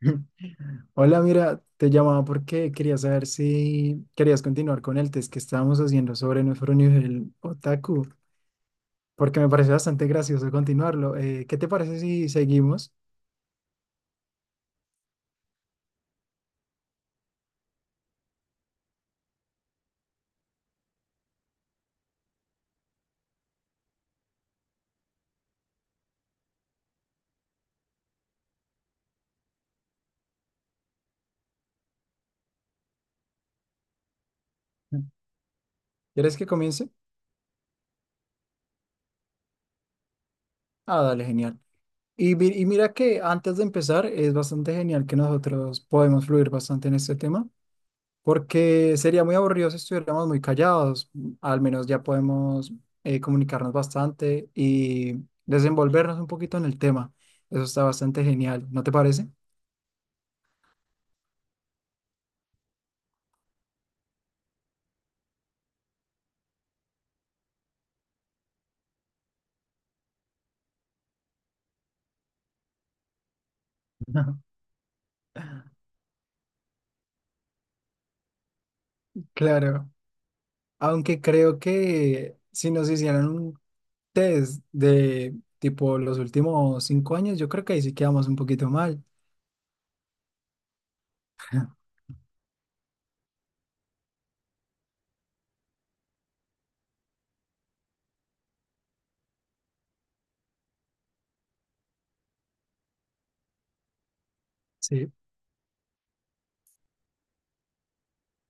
Hola, mira, te llamaba porque quería saber si querías continuar con el test que estábamos haciendo sobre nuestro nivel otaku, porque me parece bastante gracioso continuarlo. ¿Qué te parece si seguimos? ¿Quieres que comience? Ah, dale, genial. Y mira que antes de empezar es bastante genial que nosotros podemos fluir bastante en este tema, porque sería muy aburrido si estuviéramos muy callados. Al menos ya podemos comunicarnos bastante y desenvolvernos un poquito en el tema. Eso está bastante genial, ¿no te parece? Claro, aunque creo que si nos hicieran un test de tipo los últimos cinco años, yo creo que ahí sí quedamos un poquito mal. Sí,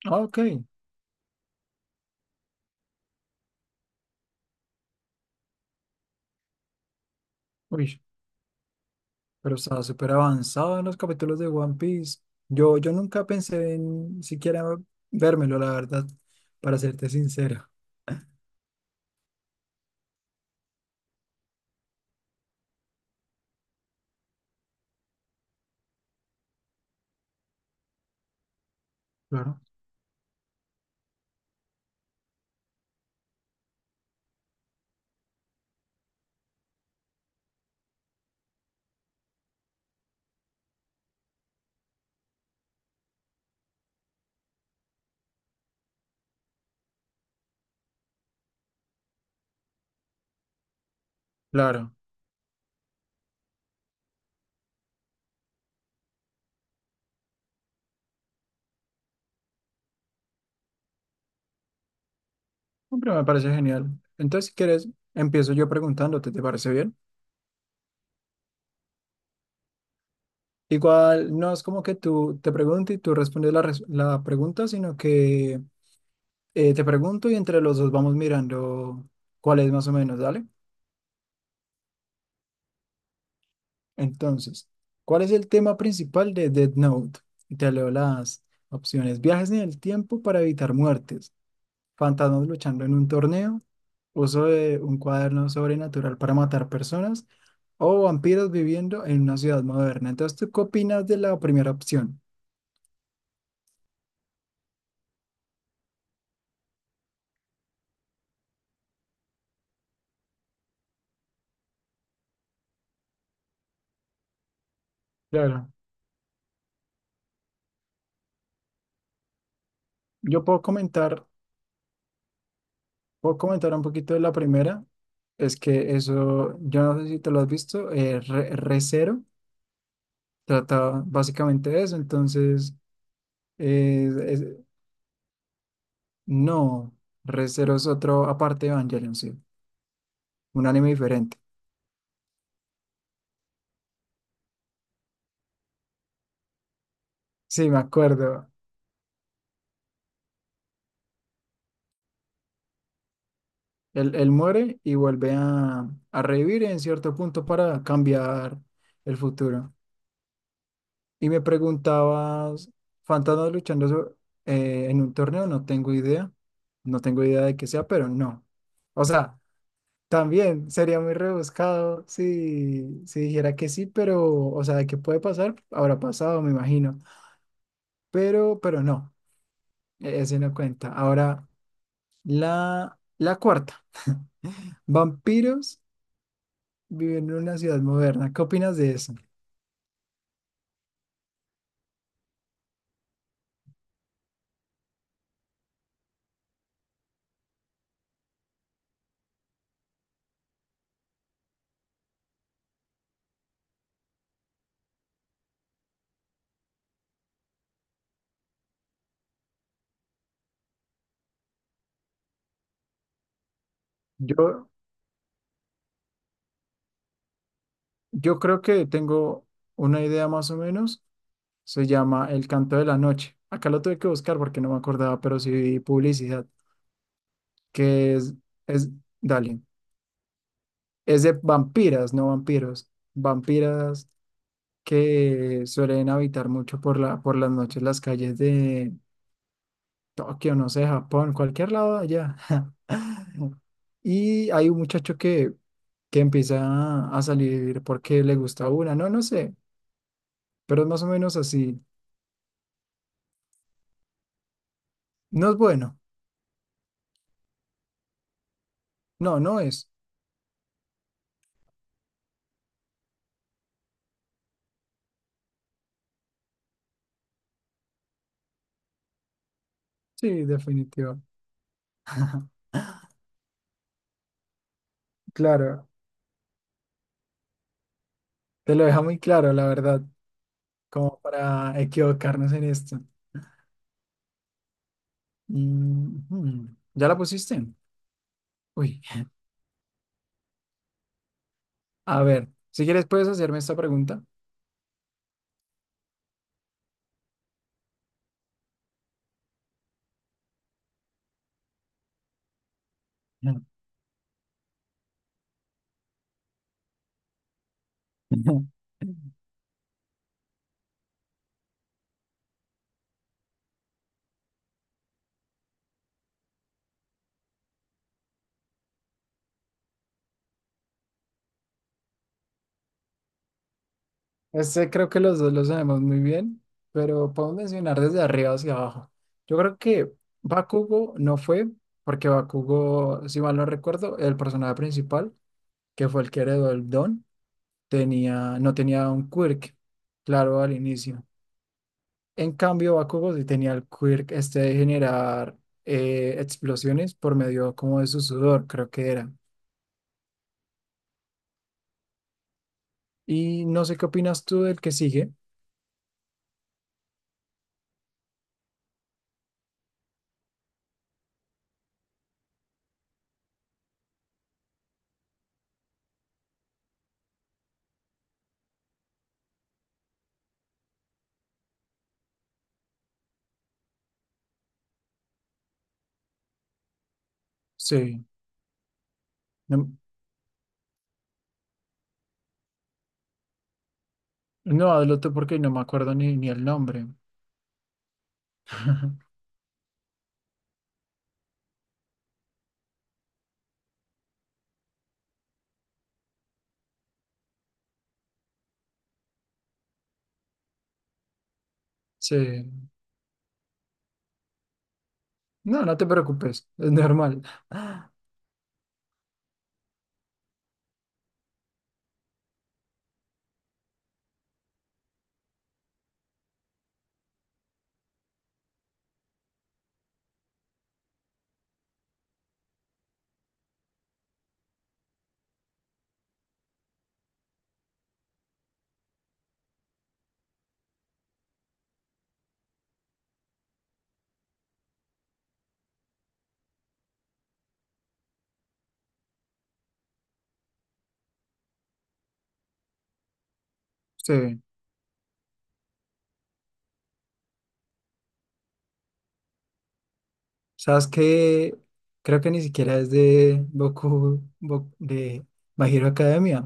ah, ok. Uy. Pero estaba súper avanzado en los capítulos de One Piece. Yo nunca pensé en siquiera vérmelo, la verdad, para serte sincero. Claro. Claro. Hombre, me parece genial. Entonces, si quieres, empiezo yo preguntándote, ¿te parece bien? Igual, no es como que tú te preguntes y tú respondes la pregunta, sino que te pregunto y entre los dos vamos mirando cuál es más o menos, ¿dale? Entonces, ¿cuál es el tema principal de Death Note? Y te leo las opciones. Viajes en el tiempo para evitar muertes. Fantasmas luchando en un torneo. Uso de un cuaderno sobrenatural para matar personas. O vampiros viviendo en una ciudad moderna. Entonces, ¿tú qué opinas de la primera opción? Claro. Yo puedo comentar, puedo comentar un poquito de la primera. Es que eso, yo no sé si te lo has visto, Re:Zero. Trata básicamente de eso, entonces, eh, es- no, Re Zero es otro, aparte de Evangelion, sí, un anime diferente. Sí, me acuerdo, él muere y vuelve a revivir en cierto punto para cambiar el futuro. Y me preguntabas, ¿fantasmas luchando en un torneo? No tengo idea de qué sea, pero no. O sea, también sería muy rebuscado si dijera que sí, pero, o sea, de que puede pasar, habrá pasado, me imagino. Pero no, ese no cuenta. Ahora, la cuarta. Vampiros viven en una ciudad moderna. ¿Qué opinas de eso? Yo, yo creo que tengo una idea más o menos. Se llama El Canto de la Noche. Acá lo tuve que buscar porque no me acordaba, pero sí vi publicidad, que es, dale. Es de vampiras, no vampiros. Vampiras que suelen habitar mucho por por las noches las calles de Tokio, no sé, Japón, cualquier lado de allá. Y hay un muchacho que empieza a salir porque le gusta una, no, no sé, pero es más o menos así. No es bueno, no es. Sí, definitivo. Claro, te lo deja muy claro, la verdad, como para equivocarnos en esto. Mm, hmm. ¿Ya la pusiste? Uy. A ver, si quieres puedes hacerme esta pregunta. Este creo que los dos lo sabemos muy bien, pero podemos mencionar desde arriba hacia abajo. Yo creo que Bakugo no fue, porque Bakugo, si mal no recuerdo, el personaje principal, que fue el que heredó el don, no tenía un quirk, claro, al inicio. En cambio, Bakugo sí tenía el quirk este de generar explosiones por medio como de su sudor, creo que era. Y no sé qué opinas tú del que sigue. Sí. No, no, adelante porque no me acuerdo ni el nombre. Sí. No, no te preocupes, es normal. Sí. Sabes que creo que ni siquiera es de de My Hero Academia.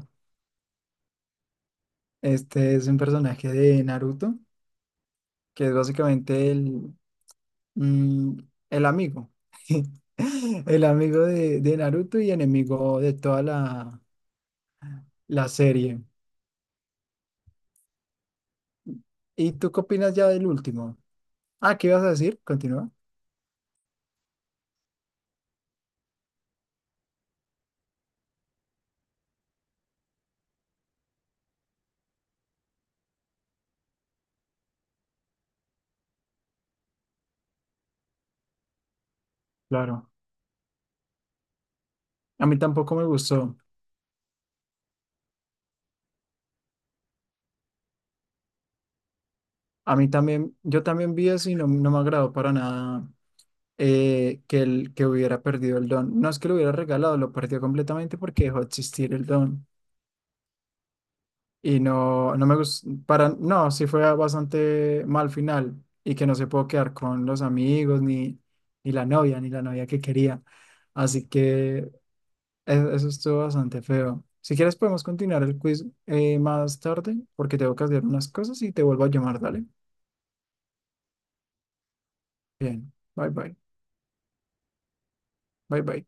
Este es un personaje de Naruto, que es básicamente mm, el amigo. El amigo de Naruto y enemigo de toda la serie. ¿Y tú qué opinas ya del último? Ah, ¿qué ibas a decir? Continúa. Claro, a mí tampoco me gustó. A mí también, yo también vi eso y no, no me agradó para nada que hubiera perdido el don. No es que lo hubiera regalado, lo perdió completamente porque dejó de existir el don. Y no, no me gustó, no, sí fue bastante mal final y que no se pudo quedar con los amigos, ni, ni la novia, ni la novia que quería. Así que eso estuvo bastante feo. Si quieres podemos continuar el quiz más tarde porque tengo que hacer unas cosas y te vuelvo a llamar, dale. Bien, bye bye, bye bye.